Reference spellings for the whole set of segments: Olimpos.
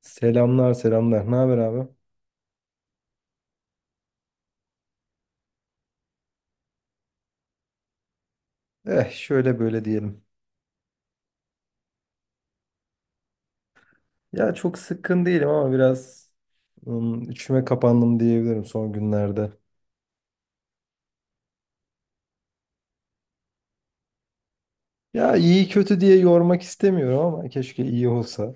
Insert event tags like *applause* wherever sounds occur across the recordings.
Selamlar selamlar. Ne haber abi? Eh şöyle böyle diyelim. Ya çok sıkkın değilim ama biraz içime kapandım diyebilirim son günlerde. Ya iyi kötü diye yormak istemiyorum ama keşke iyi olsa.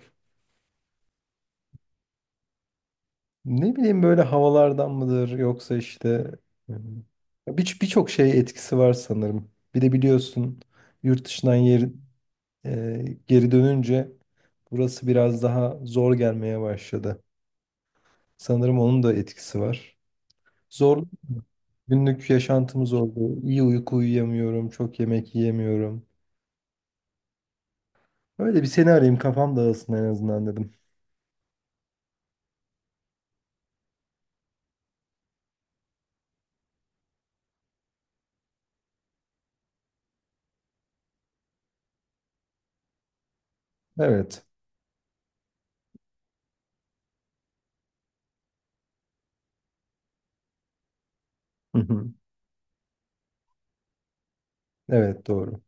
Ne bileyim böyle havalardan mıdır yoksa işte ım, birçok şey etkisi var sanırım. Bir de biliyorsun yurt dışından yer, geri dönünce burası biraz daha zor gelmeye başladı. Sanırım onun da etkisi var. Zorlu günlük yaşantımız oldu. İyi uyku uyuyamıyorum, çok yemek yiyemiyorum. Öyle bir seni arayayım kafam dağılsın en azından dedim. Evet. Hı hı. Evet, doğru.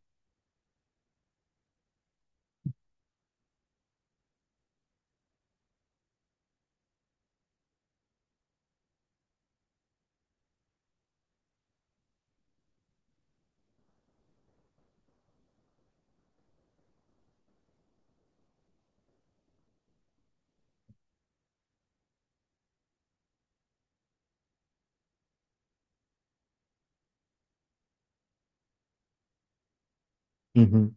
Hı hı.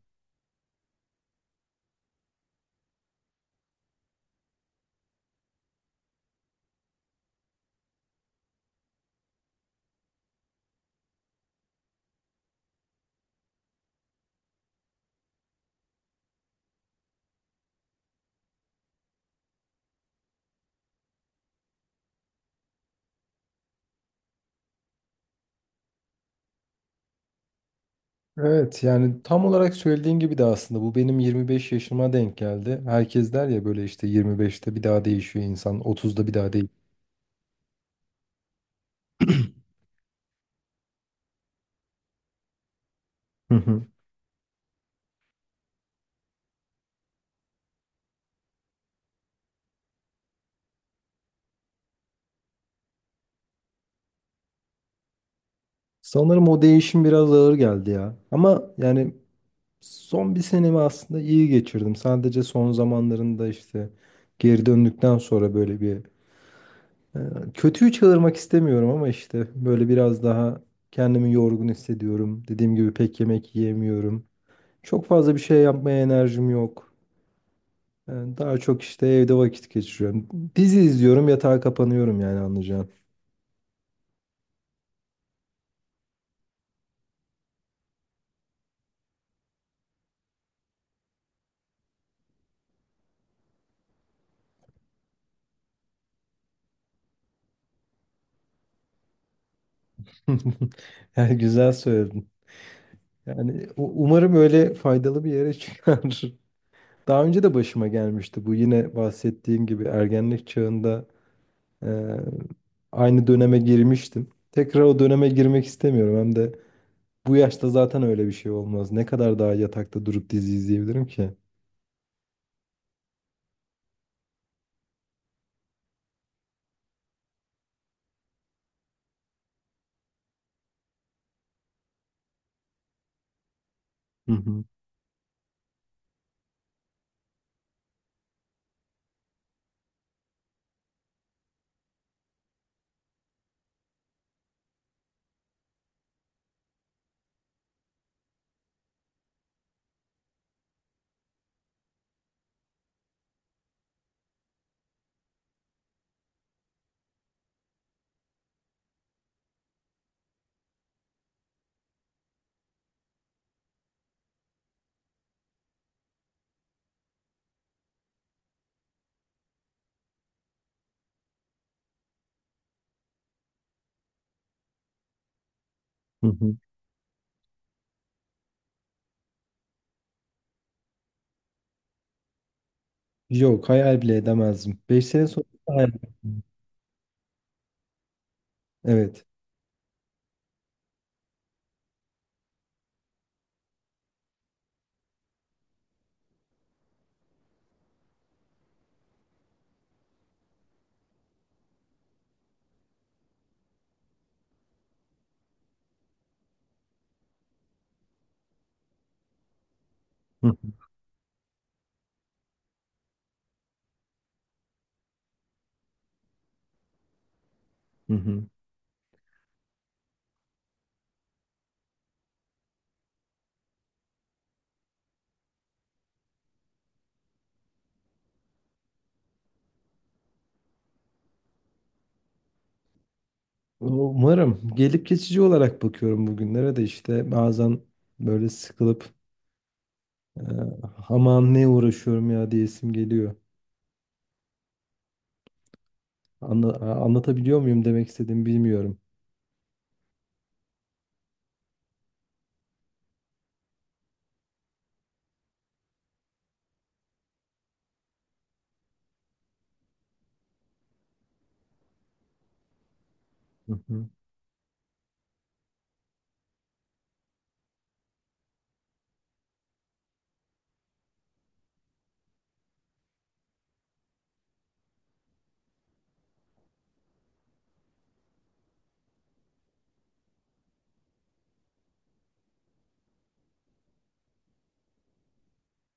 Evet, yani tam olarak söylediğin gibi de aslında bu benim 25 yaşıma denk geldi. Herkes der ya böyle işte 25'te bir daha değişiyor insan, 30'da bir daha değil. Hı hı. Sanırım o değişim biraz ağır geldi ya. Ama yani son bir senemi aslında iyi geçirdim. Sadece son zamanlarında işte geri döndükten sonra böyle bir kötüyü çağırmak istemiyorum ama işte böyle biraz daha kendimi yorgun hissediyorum. Dediğim gibi pek yemek yiyemiyorum. Çok fazla bir şey yapmaya enerjim yok. Daha çok işte evde vakit geçiriyorum. Dizi izliyorum, yatağa kapanıyorum yani anlayacağın. *laughs* Yani güzel söyledin. Yani umarım öyle faydalı bir yere çıkar. *laughs* Daha önce de başıma gelmişti bu, yine bahsettiğim gibi ergenlik çağında eee, aynı döneme girmiştim. Tekrar o döneme girmek istemiyorum, hem de bu yaşta zaten öyle bir şey olmaz. Ne kadar daha yatakta durup dizi izleyebilirim ki? Hı hı. Hı hı. Yok, hayal bile edemezdim. 5 sene sonra hayal ettim. Evet. Hı hı. Hı. Umarım gelip geçici olarak bakıyorum bugünlere de, işte bazen böyle sıkılıp eee aman ne uğraşıyorum ya diyesim geliyor. Anla- Anlatabiliyor muyum demek istediğimi bilmiyorum. Hı hı.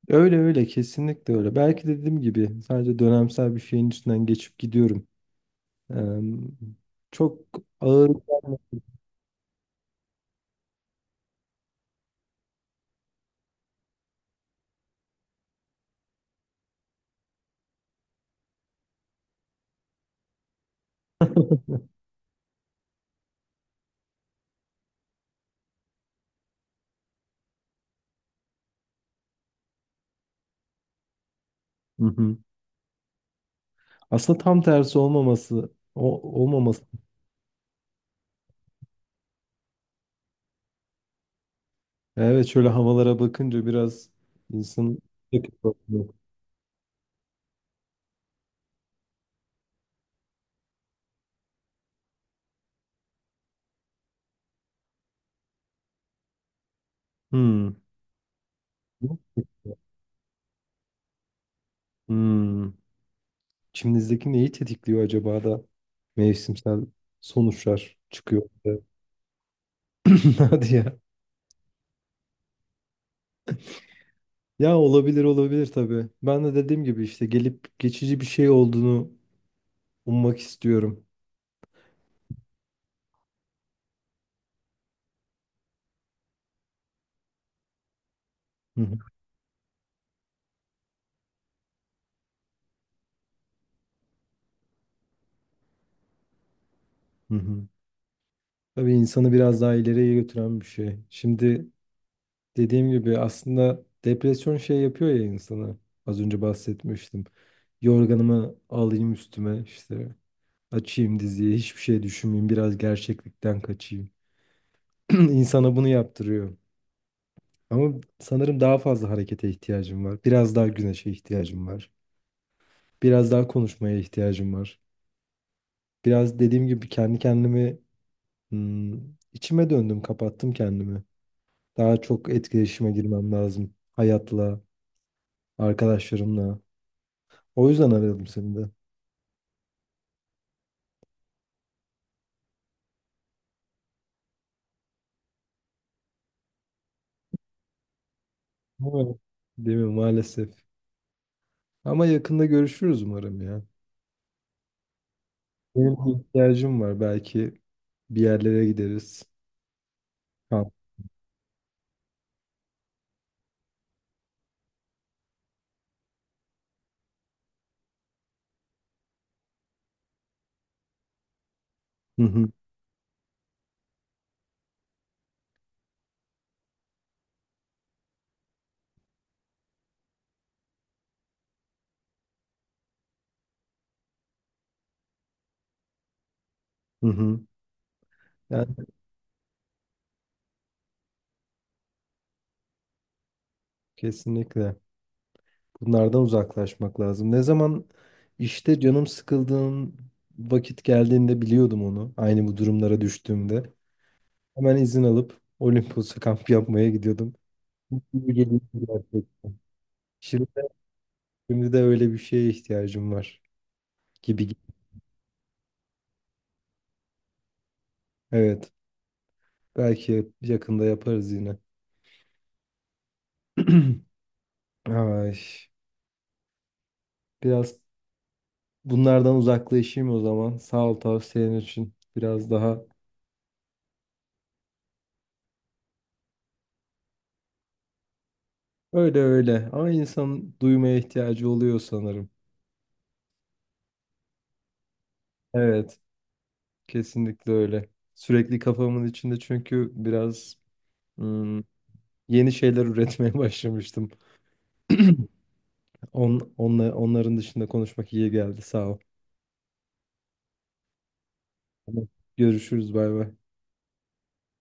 Öyle öyle, kesinlikle öyle. Belki de dediğim gibi sadece dönemsel bir şeyin üstünden geçip gidiyorum. Eee, çok ağır. Hı hı. Aslında tam tersi olmaması olmaması. Evet, şöyle havalara bakınca biraz insan. Hmm. Hmm. İçimizdeki neyi tetikliyor acaba da mevsimsel sonuçlar çıkıyor. *laughs* Hadi ya. Ya olabilir, olabilir tabii. Ben de dediğim gibi işte gelip geçici bir şey olduğunu ummak istiyorum. Hı hı, hı hı. Tabii insanı biraz daha ileriye götüren bir şey. Şimdi dediğim gibi aslında depresyon şey yapıyor ya insana. Az önce bahsetmiştim. Yorganımı alayım üstüme, işte açayım diziyi, hiçbir şey düşünmeyeyim, biraz gerçeklikten kaçayım. *clears throat* İnsana bunu yaptırıyor. Ama sanırım daha fazla harekete ihtiyacım var. Biraz daha güneşe ihtiyacım var. Biraz daha konuşmaya ihtiyacım var. Biraz dediğim gibi kendi kendimi hmm, içime döndüm, kapattım kendimi. Daha çok etkileşime girmem lazım. Hayatla, arkadaşlarımla. O yüzden aradım seni de. Evet. Değil mi? Maalesef. Ama yakında görüşürüz umarım ya. Benim bir ihtiyacım var. Belki bir yerlere gideriz. Kamp. Hı hı. Hı hı. Yani kesinlikle. Bunlardan uzaklaşmak lazım. Ne zaman işte canım sıkıldığın vakit geldiğinde biliyordum onu. Aynı bu durumlara düştüğümde. Hemen izin alıp Olimpos'a kamp yapmaya gidiyordum. Mutlu geliyor gerçekten. Şimdi de, şimdi de öyle bir şeye ihtiyacım var gibi. Evet. Belki yakında yaparız yine. *clears throat* Ay, biraz bunlardan uzaklaşayım o zaman. Sağ ol tavsiyen için. Biraz daha öyle öyle. Ama insan duymaya ihtiyacı oluyor sanırım. Evet, kesinlikle öyle. Sürekli kafamın içinde çünkü biraz hmm, yeni şeyler üretmeye *laughs* başlamıştım. Onların dışında konuşmak iyi geldi. Sağ ol. Tamam. Görüşürüz. Bay bay.